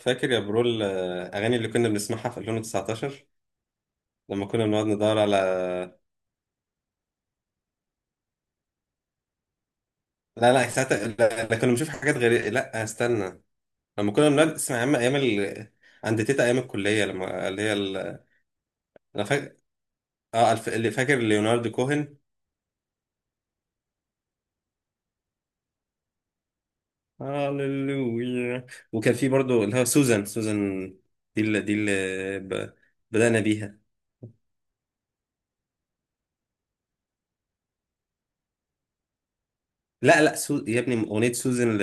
فاكر يا برول، اغاني اللي كنا بنسمعها في 2019. لما كنا بنقعد ندور على. لا، لا، ساعتها لا، لا كنا بنشوف حاجات غريبة. لا، استنى. لما كنا بنقعد نسمع ايام ايام عند تيتا ايام الكلية، لما اللي هي انا فاكر. اه اللي فاكر ليوناردو كوهن. هاليلويا. وكان في برضو اللي هو سوزان، سوزان. دي اللي بدأنا بيها. لا، لا، يا ابني اغنية سوزان،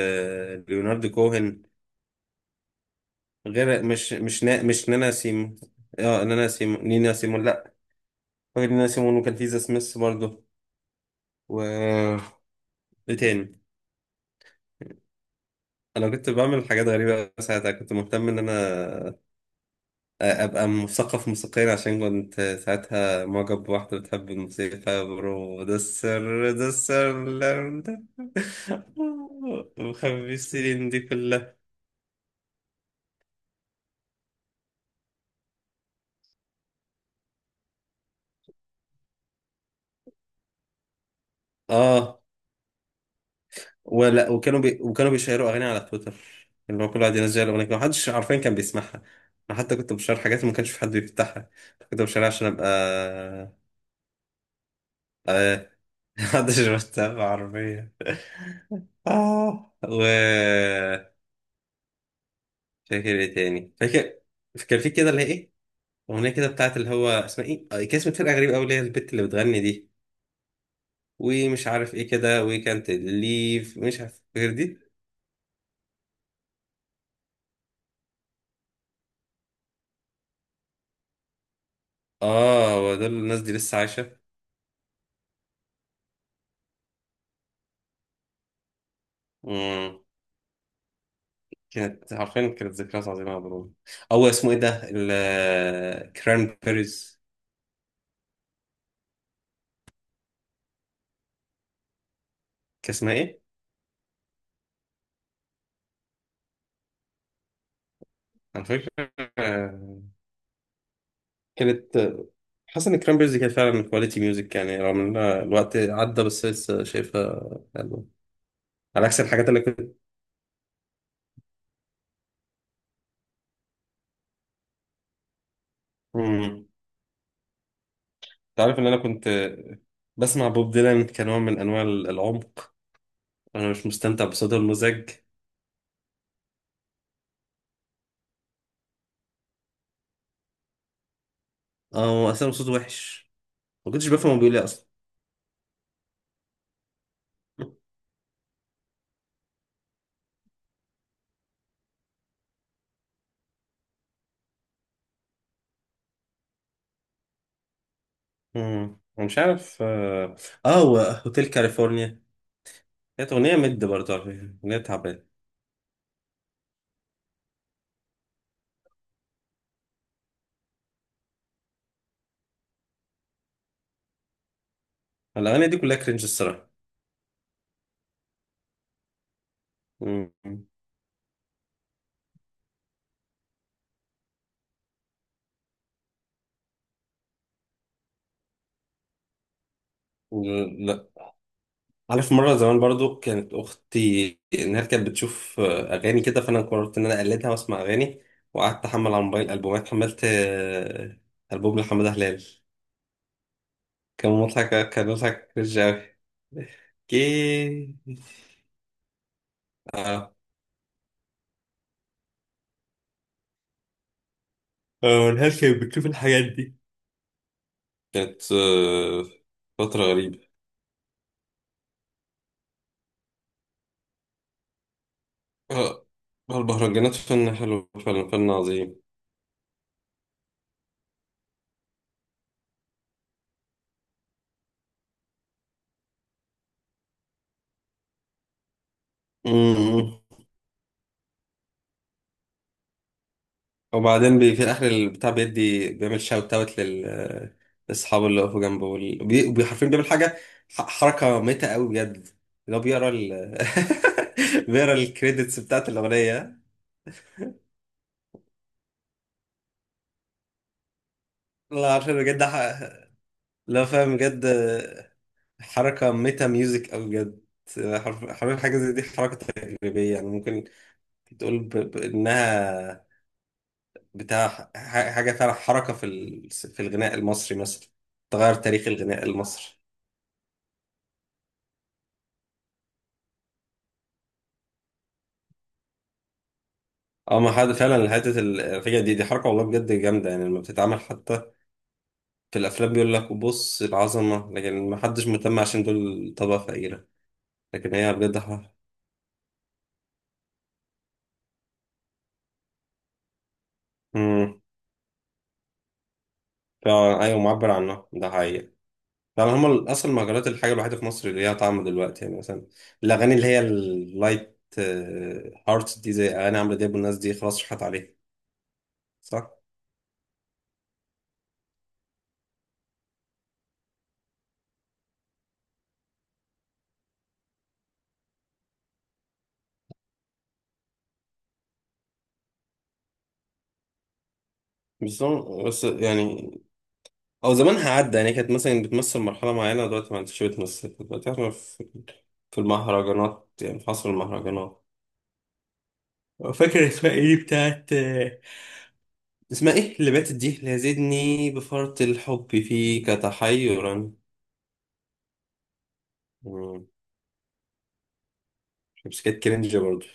ليوناردو كوهن. غير مش نانا سيمو. اه، نانا سيمو، نينا سيمو، لا. فاكر ان انا سيمون، وكان في ذا سميث برضه. و. ايه تاني؟ انا كنت بعمل حاجات غريبه أوي ساعتها، كنت مهتم ان انا ابقى مثقف موسيقيا عشان كنت ساعتها معجب بواحده بتحب الموسيقى. برو، ده السر، ده السر. لا، ده مخبي السنين دي كلها. اه. وكانوا بيشيروا اغاني على تويتر. اللي هو كل واحد ينزل اغنيه محدش عارفين كان بيسمعها. انا حتى كنت بشير حاجات ما كانش في حد بيفتحها. كنت بشيرها عشان ابقى آه، محدش متابع عربية. اه، و. فاكر ايه تاني فاكر؟ كان في كده، اللي هي ايه. اغنية كده بتاعت اللي هو اسمها ايه، كان اسم فرقة غريبة قوي اللي هي البت اللي بتغني دي. ومش عارف ايه كده، وي كانت ليف مش عارف غير دي. اه، ودول الناس دي لسه عايشة. مم. كانت عارفين، كانت ذكريات عظيمة يا برو. او اسمه ايه ده، الكران بيريز. كان اسمها ايه؟ انا فاكر. كانت. حاسس ان الكرامبرز كانت فعلا كواليتي ميوزك يعني، رغم ان الوقت عدى بس لسه شايفها حلوة. على عكس الحاجات اللي كنت. مم. تعرف ان انا كنت بسمع بوب ديلان كنوع من انواع العمق. انا مش مستمتع بصوته المزعج. اه، هو اصلا صوته وحش. ما كنتش بفهم هو بيقول ايه اصلا. مم. أنا مش عارف. اه. هو هوتيل كاليفورنيا. كانت اغنيه مد برضه على فكره، اغنيه تعبانه. الاغاني دي كلها كرنج الصراحه. مم. عارف مرة زمان برضو كانت أختي إنها كانت بتشوف أغاني كده، فأنا قررت إن أنا أقلدها وأسمع أغاني. وقعدت أحمل على الموبايل ألبومات، حملت ألبوم لحمادة هلال. كان مضحك، كان مضحك كرنج أوي. كي- آه. هلال كانت بتشوف الحاجات دي. كانت فترة غريبة. آه، المهرجانات فن حلو فعلا فن. عظيم. وبعدين بي في اخر البتاع بيدي بيعمل شاوت اوت لاصحابه اللي وقفوا جنبه، حرفيا بيعمل حاجه. حركه ميته قوي بجد. اللي هو بيقرا ال بيقرا الكريدتس بتاعت الاغنيه. لا عارفين بجد، لا فاهم بجد. حركه ميتا ميوزك قوي بجد. حرفيا حاجه زي دي حركه تجريبيه، يعني ممكن تقول بانها بتاع حاجه فعلا حركه في الغناء المصري مثلا. تغير تاريخ الغناء المصري. اه، ما حد فعلا. حته الفكره دي، دي حركه والله بجد جامده، يعني لما بتتعمل حتى في الافلام بيقول لك بص العظمه، لكن ما حدش مهتم عشان دول طبقه فقيره. لكن هي بجد حق. امم فعلا، ايوه معبر عنها، ده حقيقي. فعلا هما اصلا المهرجانات الحاجه الوحيده في مصر اللي ليها طعم دلوقتي، يعني مثلا الاغاني اللي هي اللايت هارت دي، زي اغاني عمرو دياب، والناس دي خلاص راحت عليها. صح. بس يعني او زمانها عدى، يعني كانت مثلا بتمثل مرحله معينه دلوقتي ما عادش بتمثل. كانت دلوقتي احنا في في المهرجانات، يعني في عصر المهرجانات. فاكر اسمها ايه بتاعت. اسمها ايه اللي باتت دي، اللي زدني بفرط الحب فيك تحيرا. مم. بس كانت كرنج برضه.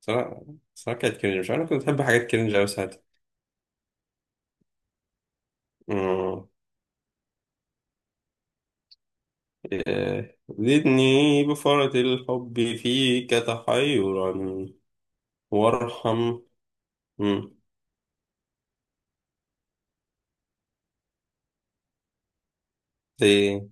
صراحة. صراحة كانت كرنج، مش عارف كنت بحب حاجات كرنج أوي ساعتها. مم. إيه. زدني بفرط الحب فيك تحيرا وارحم. مم.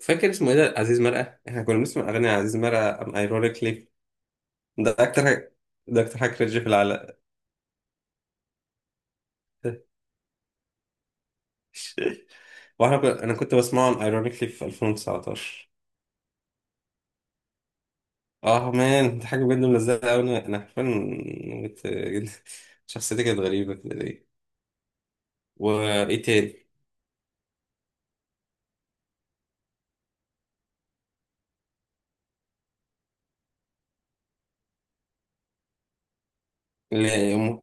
فاكر اسمه ايه ده؟ عزيز مرقه. احنا كنا بنسمع اغاني عزيز مرقه ام ايرونيكلي. ده اكتر حاجه. ده اكتر حاجه كرنج في العالم. انا كنت بسمعه ام ايرونيكلي في 2019. اه مان، دي حاجه بجد ملزقه قوي. انا حرفيا كنت- شخصيتي كانت غريبه كده ليه. وايه تاني؟ ال- ام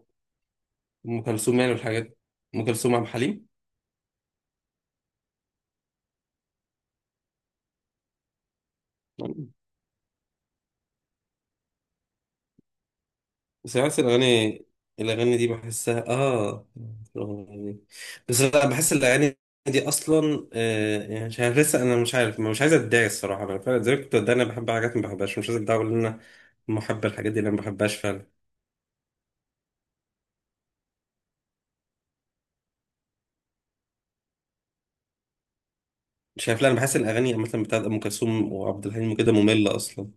أم كلثوم يعني والحاجات. ام كلثوم، عبد الحليم. ساعات الأغاني. الأغاني دي بحسها يعني. بس، لا، بحس الأغاني دي أصلا، يعني مش عارف. لسه أنا مش عارف، مش عايز أتضايق الصراحة. أنا فعلا زي ما كنت بتضايق، أنا بحب حاجات ما بحبهاش، مش عايز أتضايق أقول إن أنا محب الحاجات دي اللي أنا ما بحبهاش فعلا. مش عارف، لا، أنا بحس الأغاني مثلا بتاعت أم كلثوم وعبد الحليم وكده مملة أصلا.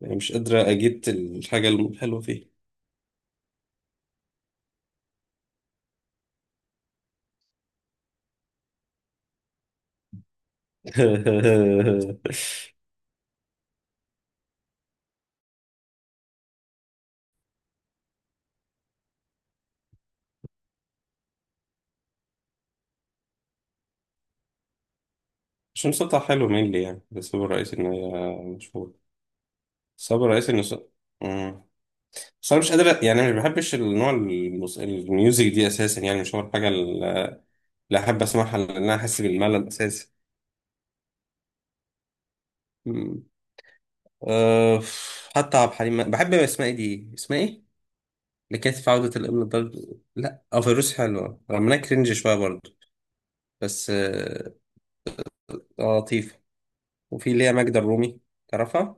يعني مش قادرة أجيب الحاجة الحلوة فيه. مش مصطلح حلو مين لي يعني، بس هو الرئيسي إن هي مشهورة. السبب الرئيسي إن بس انا مش قادر يعني، انا ما بحبش النوع الميوزك دي اساسا، يعني مش هو الحاجه اللي احب اسمعها لان انا احس بالملل اساسا. مم. أه. حتى عبد الحليم، بحب اسمها ايه دي، اسمها ايه اللي كانت في عوده الابن الضال. لا، اه، فيروز حلوه رغم انها كرنج شويه برضه. بس اه. لطيفه. وفي اللي هي ماجدة الرومي. تعرفها؟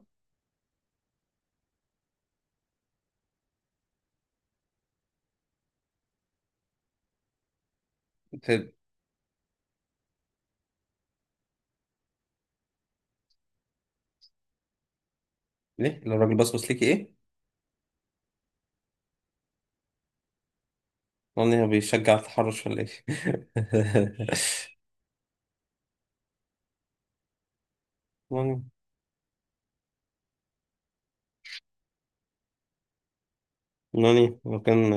بت- ليه لو الراجل بصبص ليكي ايه؟ نوني، هو بيشجع التحرش ولا ايه؟ نوني. نوني، وكان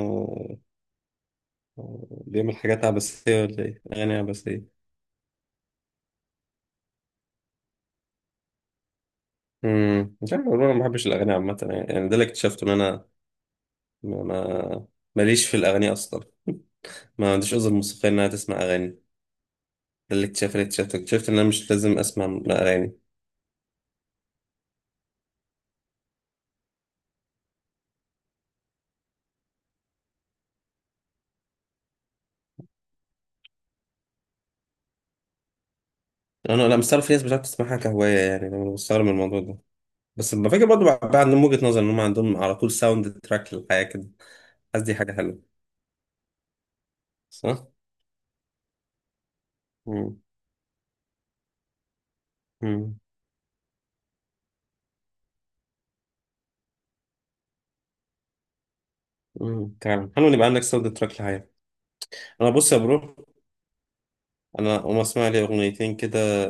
بيعمل حاجات عبثية ولا إيه؟ أغاني عبثية. مش عارف والله. أنا ما بحبش الأغاني عامة، يعني ده اللي اكتشفته إن أنا ما ما- ماليش في الأغاني أصلا. ما عنديش أذن موسيقية إن أنا تسمع أغاني ده. اللي اكتشفته اكتشفت إن أنا مش لازم أسمع أغاني. أنا مستغرب في ناس بتعرف تسمعها كهواية، يعني أنا مستغرب من الموضوع ده. بس بفكر برضه بقى عندهم وجهة نظر إن هم عندهم على طول ساوند تراك للحياة كده. حاسس دي حاجة حلوة. صح؟ امم. امم. فعلا حلو إن يبقى عندك ساوند تراك للحياة. أنا، بص يا برو، انا اقوم اسمع لي اغنيتين كده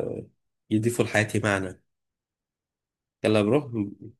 يضيفوا لحياتي معنى. يلا يا برو.